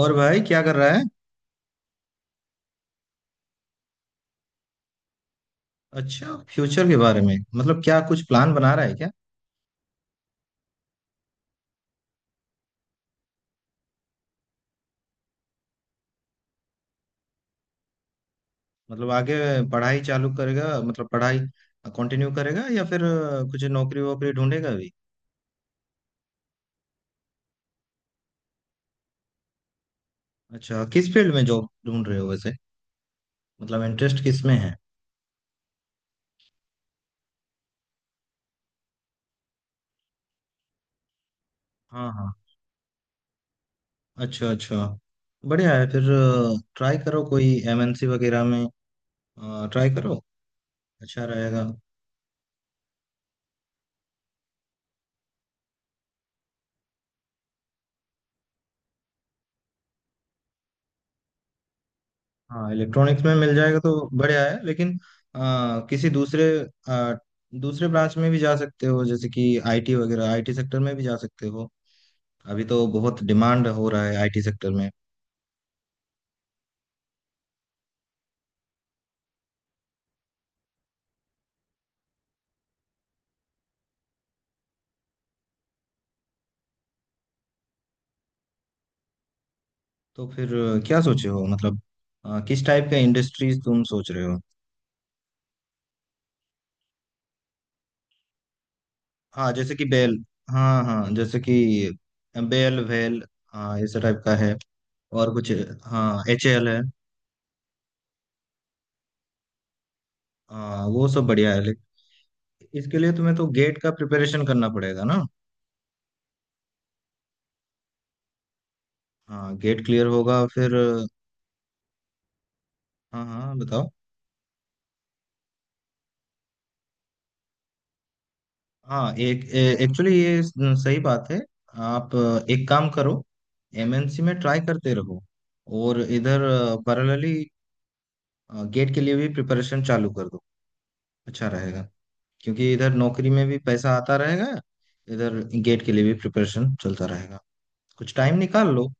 और भाई क्या कर रहा है? अच्छा, फ्यूचर के बारे में मतलब क्या कुछ प्लान बना रहा है क्या? मतलब आगे पढ़ाई चालू करेगा, मतलब पढ़ाई कंटिन्यू करेगा या फिर कुछ नौकरी वोकरी ढूंढेगा अभी? अच्छा, किस फील्ड में जॉब ढूंढ रहे हो वैसे? मतलब इंटरेस्ट किस में है? हाँ हाँ। अच्छा अच्छा। बढ़िया है फिर। ट्राई करो कोई एमएनसी वगैरह में। ट्राई करो। अच्छा रहेगा। हाँ इलेक्ट्रॉनिक्स में मिल जाएगा तो बढ़िया है, लेकिन किसी दूसरे आ, दूसरे ब्रांच में भी जा सकते हो, जैसे कि आईटी वगैरह। आईटी सेक्टर में भी जा सकते हो। अभी तो बहुत डिमांड हो रहा है आईटी सेक्टर में। तो फिर क्या सोचे हो, मतलब किस टाइप का इंडस्ट्रीज तुम सोच रहे हो? हाँ जैसे कि बेल। हाँ हाँ जैसे कि बेल वेल। हाँ इस टाइप का है। और कुछ? हाँ एच एल है। हाँ वो सब बढ़िया है, लेकिन इसके लिए तुम्हें तो गेट का प्रिपरेशन करना पड़ेगा ना। हाँ गेट क्लियर होगा फिर। हाँ हाँ बताओ। हाँ एक, एक्चुअली ये सही बात है। आप एक काम करो, एमएनसी में ट्राई करते रहो, और इधर पैरेलली गेट के लिए भी प्रिपरेशन चालू कर दो। अच्छा रहेगा, क्योंकि इधर नौकरी में भी पैसा आता रहेगा, इधर गेट के लिए भी प्रिपरेशन चलता रहेगा। कुछ टाइम निकाल लो।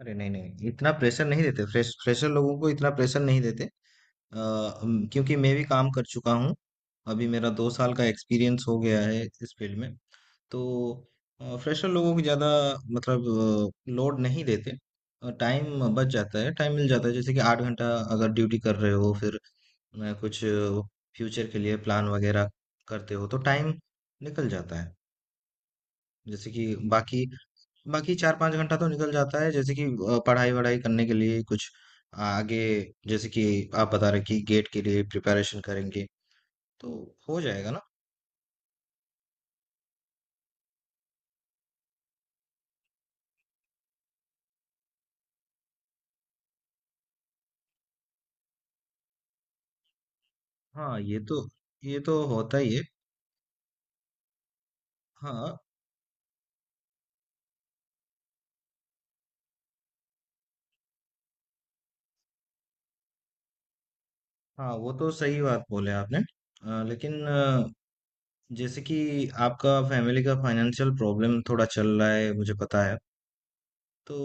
अरे नहीं नहीं, इतना प्रेशर नहीं देते, फ्रेशर लोगों को इतना प्रेशर नहीं देते। क्योंकि मैं भी काम कर चुका हूँ। अभी मेरा दो साल का एक्सपीरियंस हो गया है इस फील्ड में। तो फ्रेशर लोगों को ज़्यादा मतलब लोड नहीं देते। टाइम बच जाता है, टाइम मिल जाता है। जैसे कि आठ घंटा अगर ड्यूटी कर रहे हो, फिर कुछ फ्यूचर के लिए प्लान वगैरह करते हो तो टाइम निकल जाता है। जैसे कि बाकी, बाकी चार पाँच घंटा तो निकल जाता है, जैसे कि पढ़ाई वढ़ाई करने के लिए कुछ आगे, जैसे कि आप बता रहे कि गेट के लिए प्रिपरेशन करेंगे तो हो जाएगा ना। हाँ ये तो होता ही है। हाँ हाँ वो तो सही बात बोले आपने, लेकिन जैसे कि आपका फैमिली का फाइनेंशियल प्रॉब्लम थोड़ा चल रहा है, मुझे पता है। तो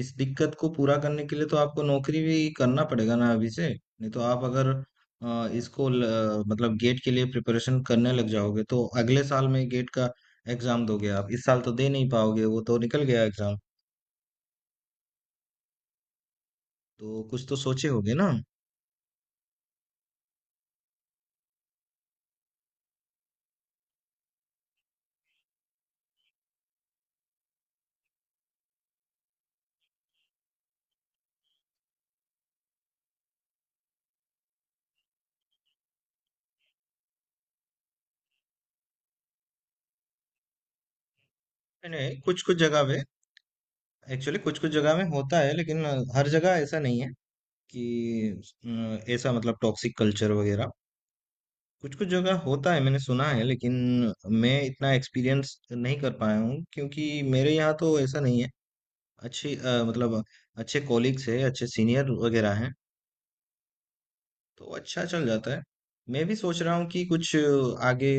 इस दिक्कत को पूरा करने के लिए तो आपको नौकरी भी करना पड़ेगा ना अभी से, नहीं तो आप अगर मतलब गेट के लिए प्रिपरेशन करने लग जाओगे तो अगले साल में गेट का एग्जाम दोगे, आप इस साल तो दे नहीं पाओगे, वो तो निकल गया एग्जाम। तो कुछ तो सोचे होगे ना। नहीं नहीं, कुछ कुछ जगह पे, एक्चुअली कुछ कुछ जगह में होता है, लेकिन हर जगह ऐसा नहीं है कि अ, ऐसा मतलब टॉक्सिक कल्चर वगैरह, कुछ कुछ जगह होता है मैंने सुना है, लेकिन मैं इतना एक्सपीरियंस नहीं कर पाया हूँ, क्योंकि मेरे यहाँ तो ऐसा नहीं है। अच्छी मतलब अच्छे कॉलीग्स है, अच्छे सीनियर वगैरह हैं, तो अच्छा चल जाता है। मैं भी सोच रहा हूँ कि कुछ आगे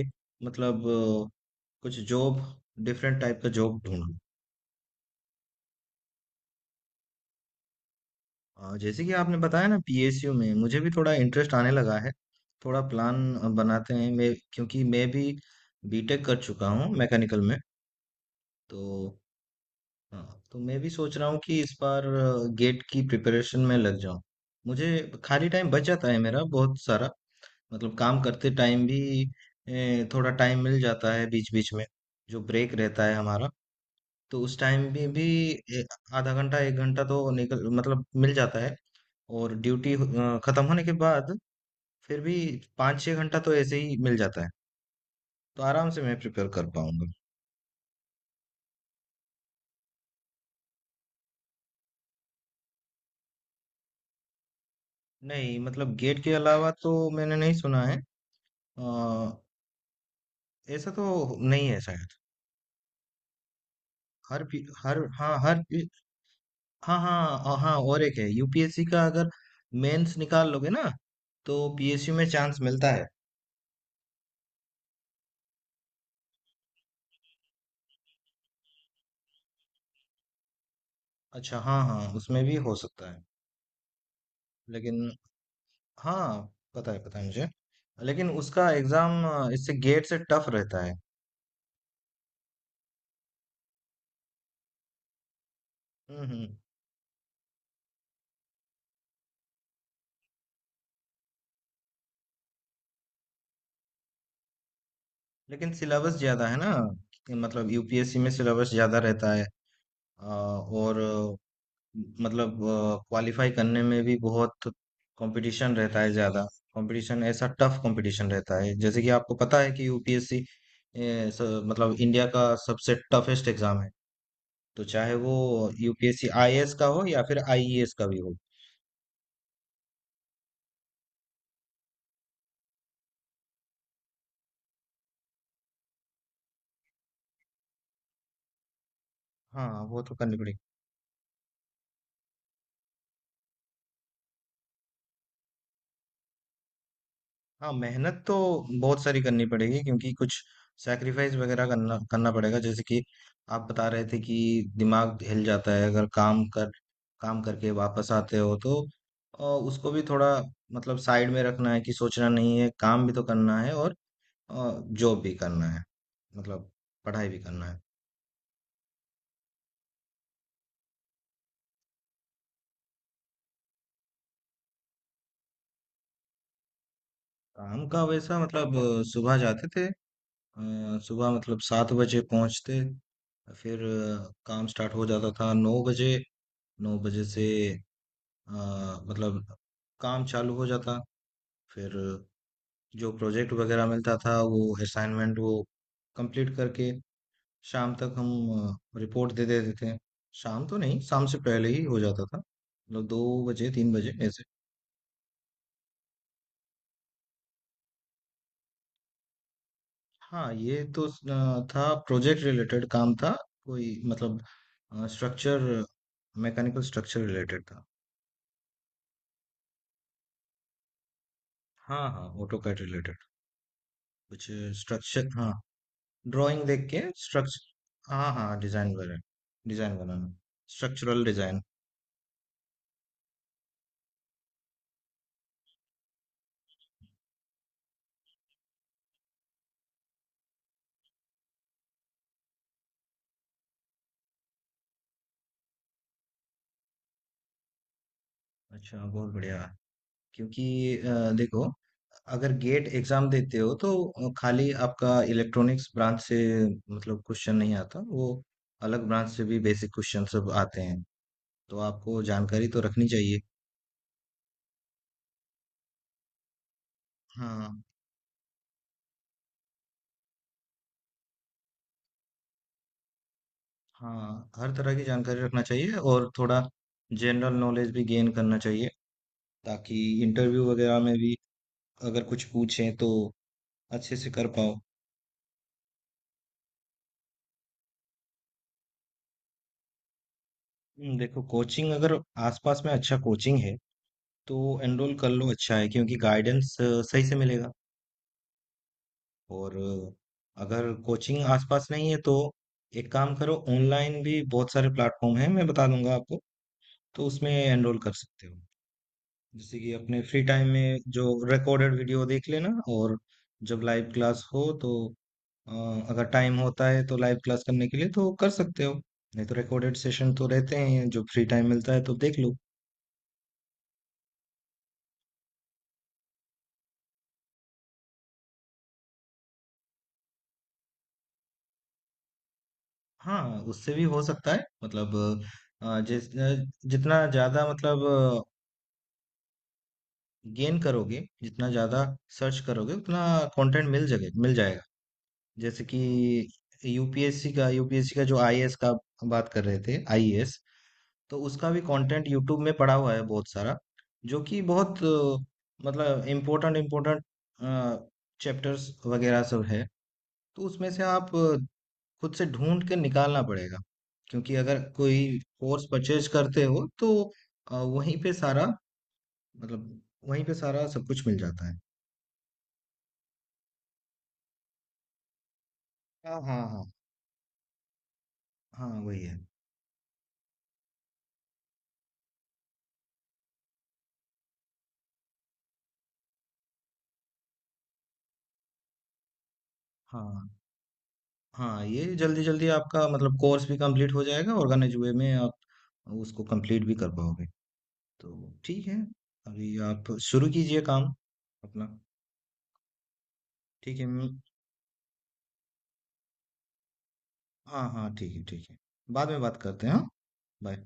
मतलब कुछ जॉब, डिफरेंट टाइप का जॉब ढूंढूं। जैसे कि आपने बताया ना, पीएसयू में मुझे भी थोड़ा इंटरेस्ट आने लगा है। थोड़ा प्लान बनाते हैं, मैं क्योंकि मैं भी बीटेक कर चुका हूँ मैकेनिकल में। तो हाँ, तो मैं भी सोच रहा हूँ कि इस बार गेट की प्रिपरेशन में लग जाऊँ। मुझे खाली टाइम बच जाता है मेरा बहुत सारा, मतलब काम करते टाइम भी थोड़ा टाइम मिल जाता है बीच बीच में जो ब्रेक रहता है हमारा। तो उस टाइम भी ए, आधा घंटा एक घंटा तो निकल, मतलब मिल जाता है। और ड्यूटी खत्म होने के बाद फिर भी पाँच छः घंटा तो ऐसे ही मिल जाता है। तो आराम से मैं प्रिपेयर कर पाऊंगा। नहीं, मतलब गेट के अलावा तो मैंने नहीं सुना है। अ, ऐसा तो नहीं है शायद। हर पी- हर हाँ, हाँ हाँ हाँ हाँ, और एक है यूपीएससी का। अगर मेंस निकाल लोगे ना, तो पीएसयू में चांस मिलता है। अच्छा, हाँ हाँ उसमें भी हो सकता है, लेकिन हाँ पता है मुझे। लेकिन उसका एग्जाम इससे गेट से टफ रहता है। हम्म। लेकिन सिलेबस ज्यादा है ना, कि मतलब यूपीएससी में सिलेबस ज्यादा रहता है। और मतलब क्वालिफाई करने में भी बहुत कंपटीशन रहता है ज्यादा। कंपटीशन, ऐसा टफ कंपटीशन रहता है, जैसे कि आपको पता है कि यूपीएससी मतलब इंडिया का सबसे टफेस्ट एग्जाम है। तो चाहे वो यूपीएससी आईएएस का हो या फिर आईईएस का भी हो। हाँ वो तो करनी पड़ेगी। हाँ मेहनत तो बहुत सारी करनी पड़ेगी, क्योंकि कुछ सैक्रिफाइस वगैरह करना करना पड़ेगा। जैसे कि आप बता रहे थे कि दिमाग हिल जाता है, अगर काम करके वापस आते हो तो उसको भी थोड़ा मतलब साइड में रखना है, कि सोचना नहीं है, काम भी तो करना है और जॉब भी करना है, मतलब पढ़ाई भी करना है। काम का वैसा मतलब सुबह जाते थे, सुबह मतलब सात बजे पहुंचते, फिर काम स्टार्ट हो जाता था नौ बजे। नौ बजे से अ, मतलब काम चालू हो जाता, फिर जो प्रोजेक्ट वगैरह मिलता था वो, असाइनमेंट वो कंप्लीट करके शाम तक हम रिपोर्ट दे देते थे। शाम तो नहीं, शाम से पहले ही हो जाता था, मतलब दो बजे तीन बजे ऐसे। हाँ ये तो था, प्रोजेक्ट रिलेटेड काम था, कोई मतलब स्ट्रक्चर, मैकेनिकल स्ट्रक्चर रिलेटेड था। हाँ हाँ ऑटोकैड रिलेटेड कुछ स्ट्रक्चर, हाँ, ड्राइंग देख के स्ट्रक्चर, हाँ हाँ डिजाइन वगैरह, डिजाइन बनाना, स्ट्रक्चरल डिजाइन। अच्छा, बहुत बढ़िया। क्योंकि देखो, अगर गेट एग्जाम देते हो तो खाली आपका इलेक्ट्रॉनिक्स ब्रांच से मतलब क्वेश्चन नहीं आता, वो अलग ब्रांच से भी बेसिक क्वेश्चन सब आते हैं, तो आपको जानकारी तो रखनी चाहिए। हाँ हाँ, हर तरह की जानकारी रखना चाहिए, और थोड़ा जनरल नॉलेज भी गेन करना चाहिए, ताकि इंटरव्यू वगैरह में भी अगर कुछ पूछें तो अच्छे से कर पाओ। देखो, कोचिंग अगर आसपास में अच्छा कोचिंग है तो एनरोल कर लो, अच्छा है क्योंकि गाइडेंस सही से मिलेगा। और अगर कोचिंग आसपास नहीं है तो एक काम करो, ऑनलाइन भी बहुत सारे प्लेटफॉर्म हैं, मैं बता दूंगा आपको, तो उसमें एनरोल कर सकते हो। जैसे कि अपने फ्री टाइम में जो रिकॉर्डेड वीडियो देख लेना, और जब लाइव क्लास हो तो अ, अगर टाइम होता है तो लाइव क्लास करने के लिए तो कर सकते हो, नहीं तो रिकॉर्डेड सेशन तो रहते हैं, जो फ्री टाइम मिलता है तो देख लो। हाँ, उससे भी हो सकता है, मतलब अ, जिस जितना ज़्यादा मतलब गेन करोगे, जितना ज़्यादा सर्च करोगे उतना कंटेंट मिल जाएगा। जैसे कि यूपीएससी का जो आईएएस का, हम बात कर रहे थे आईएएस, तो उसका भी कंटेंट यूट्यूब में पड़ा हुआ है बहुत सारा, जो कि बहुत मतलब इम्पोर्टेंट इम्पोर्टेंट चैप्टर्स वगैरह सब है, तो उसमें से आप खुद से ढूंढ के निकालना पड़ेगा। क्योंकि अगर कोई कोर्स परचेज करते हो तो वहीं पे सारा मतलब वहीं पे सारा सब कुछ मिल जाता है। हाँ हाँ हाँ। हाँ वही है। हाँ हाँ, ये जल्दी जल्दी आपका मतलब कोर्स भी कंप्लीट हो जाएगा, ऑर्गेनाइज वे में आप उसको कंप्लीट भी कर पाओगे, तो ठीक है। अभी आप शुरू कीजिए काम अपना। ठीक है, हाँ हाँ ठीक है ठीक है, बाद में बात करते हैं, हाँ। बाय।